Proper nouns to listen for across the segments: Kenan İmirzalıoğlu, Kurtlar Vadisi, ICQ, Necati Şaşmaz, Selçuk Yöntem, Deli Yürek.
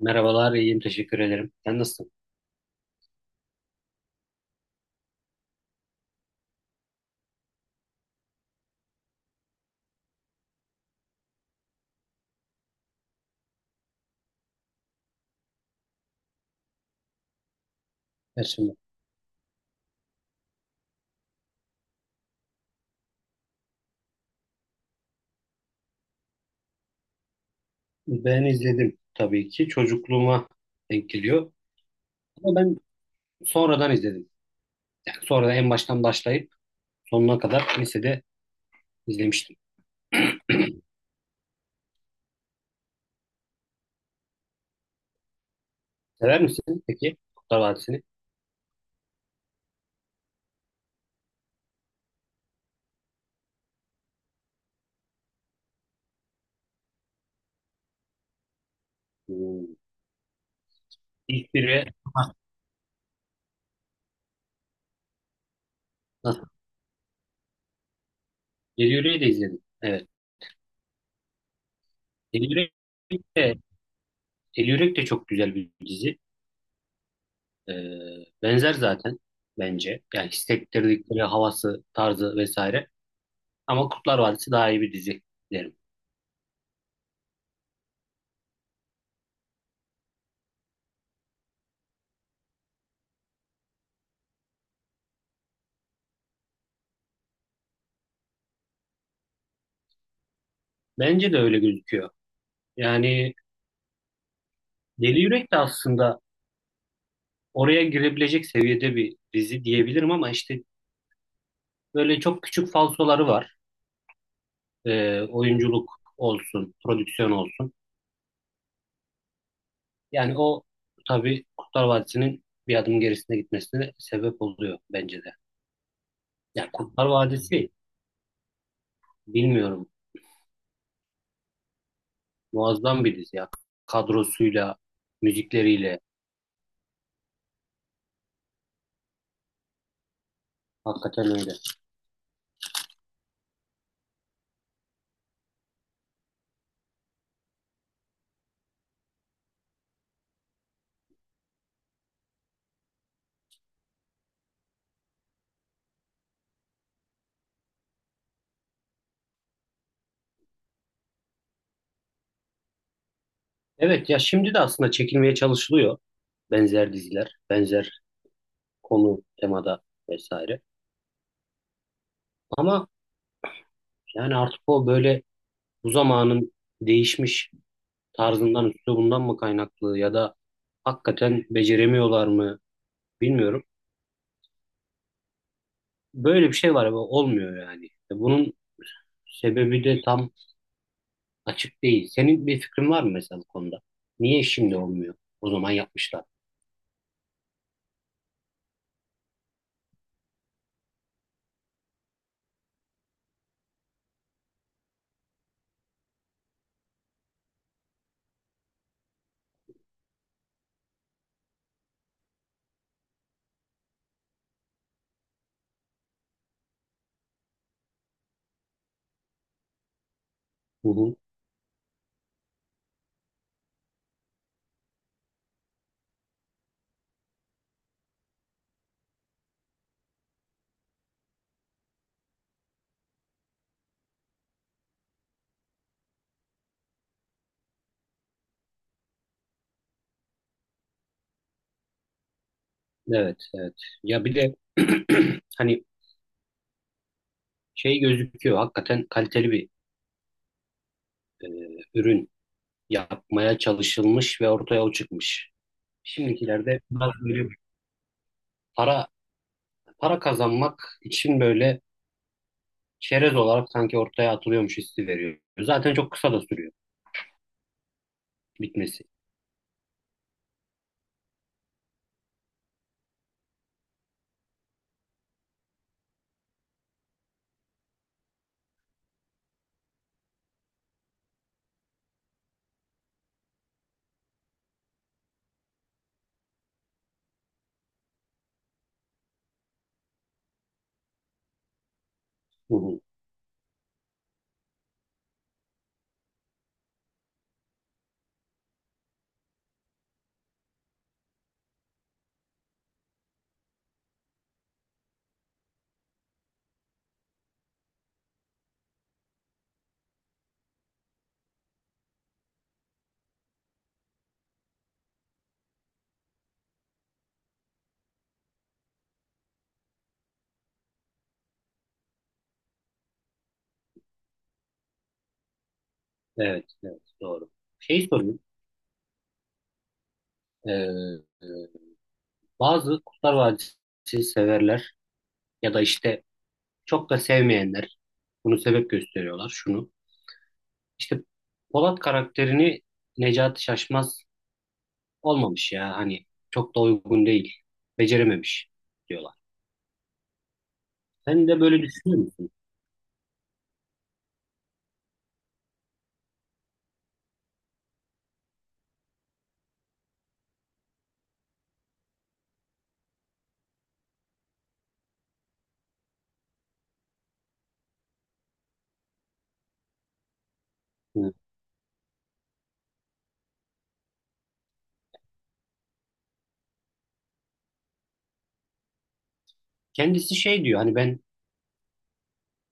Merhabalar, iyiyim. Teşekkür ederim. Sen nasılsın? Ersin ben. Ben izledim tabii ki. Çocukluğuma denk geliyor. Ama ben sonradan izledim. Yani sonradan en baştan başlayıp sonuna kadar lisede izlemiştim. Sever misin peki Kurtlar Vadisi'ni? Hmm. İlk biri ah, ah, Deli Yürek'i de izledim. Evet. Deli Yürek de, Deli Yürek de çok güzel bir dizi. Ee, Benzer zaten bence. Yani hissettirdikleri havası, tarzı vesaire. Ama Kurtlar Vadisi daha iyi bir dizi derim. Bence de öyle gözüküyor. Yani Deli Yürek de aslında oraya girebilecek seviyede bir dizi diyebilirim ama işte böyle çok küçük falsoları var. Oyunculuk olsun, prodüksiyon olsun. Yani o tabii Kurtlar Vadisi'nin bir adım gerisine gitmesine sebep oluyor bence de. Yani Kurtlar Vadisi bilmiyorum muazzam bir dizi ya. Kadrosuyla, müzikleriyle hakikaten öyle. Evet ya şimdi de aslında çekilmeye çalışılıyor benzer diziler, benzer konu, temada vesaire. Ama yani artık o böyle bu zamanın değişmiş tarzından, üslubundan mı kaynaklı ya da hakikaten beceremiyorlar mı bilmiyorum. Böyle bir şey var ama olmuyor yani. Bunun sebebi de tam açık değil. Senin bir fikrin var mı mesela bu konuda? Niye şimdi olmuyor? O zaman yapmışlar. Hı hı. Evet, evet. Ya bir de hani şey gözüküyor. Hakikaten kaliteli bir e, ürün yapmaya çalışılmış ve ortaya o çıkmış. Şimdikilerde biraz böyle para para kazanmak için böyle çerez olarak sanki ortaya atılıyormuş hissi veriyor. Zaten çok kısa da sürüyor bitmesi. Hı hı. Evet, evet doğru. Şey sorayım. Ee, e, Bazı Kurtlar Vadisi severler ya da işte çok da sevmeyenler bunu sebep gösteriyorlar şunu. İşte Polat karakterini Necati Şaşmaz olmamış ya hani çok da uygun değil. Becerememiş diyorlar. Sen de böyle düşünüyor musun? Hı. Kendisi şey diyor hani ben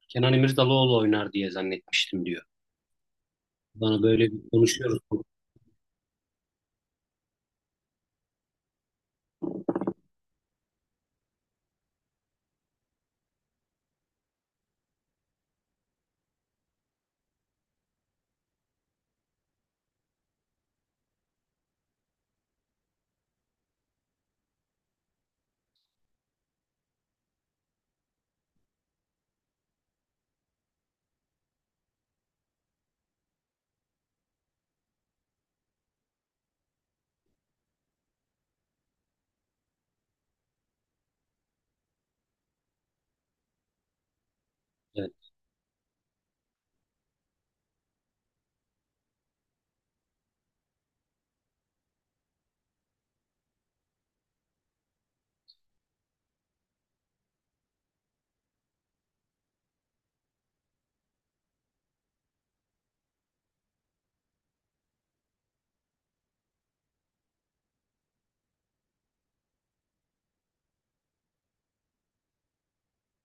Kenan İmirzalıoğlu oynar diye zannetmiştim diyor. Bana böyle bir konuşuyoruz. Evet,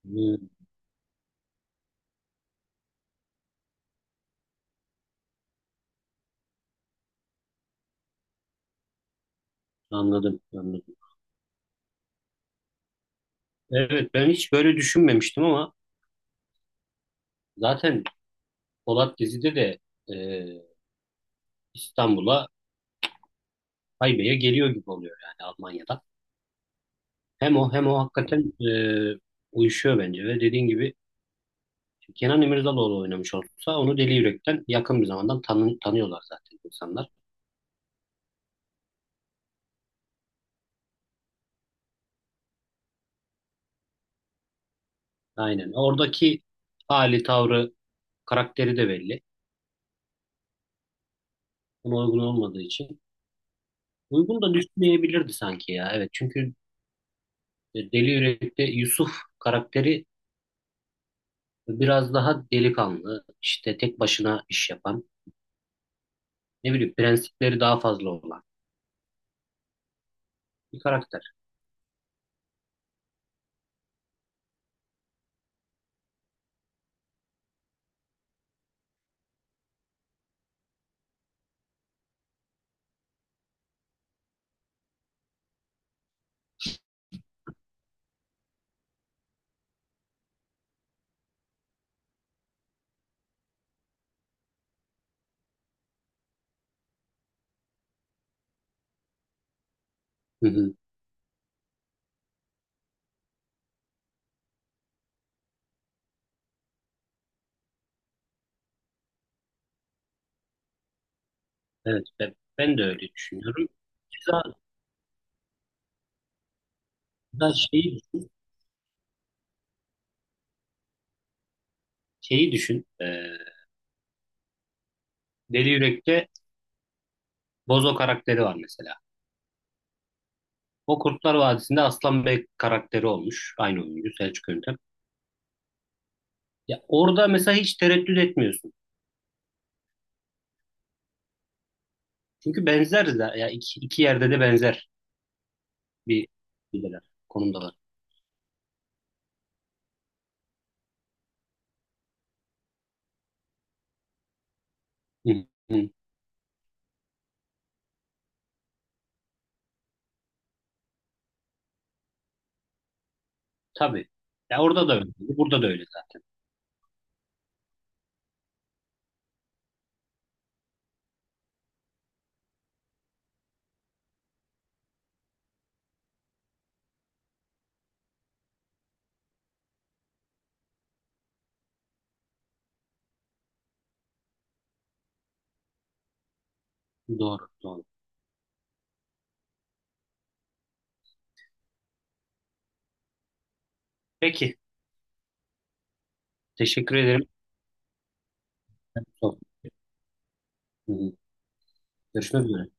hı, anladım, anladım. Evet ben hiç böyle düşünmemiştim ama zaten Polat dizide de e, İstanbul'a haybeye geliyor gibi oluyor yani Almanya'da. Hem o hem o hakikaten uyuşuyor bence ve dediğin gibi Kenan İmirzalıoğlu oynamış olsa onu Deli Yürek'ten yakın bir zamandan tanıyorlar zaten insanlar. Aynen. Oradaki hali, tavrı, karakteri de belli. Ama uygun olmadığı için. Uygun da düşünmeyebilirdi sanki ya. Evet çünkü Deli Yürek'te Yusuf karakteri biraz daha delikanlı, işte tek başına iş yapan, ne bileyim prensipleri daha fazla olan bir karakter. Hı hı. Evet ben de öyle düşünüyorum. Keza da şeyi düşün. Deli Yürek'te Bozo karakteri var mesela. O Kurtlar Vadisi'nde Aslan Bey karakteri olmuş. Aynı oyuncu Selçuk Yöntem. Ya orada mesela hiç tereddüt etmiyorsun. Çünkü benzer de ya iki yerde de benzer bir şeydeler, konumdalar. Hı, hı, tabii. Ya orada da öyle. Burada da öyle zaten. Doğru, doğru. Peki. Teşekkür ederim. Hı, hı. Görüşmek üzere.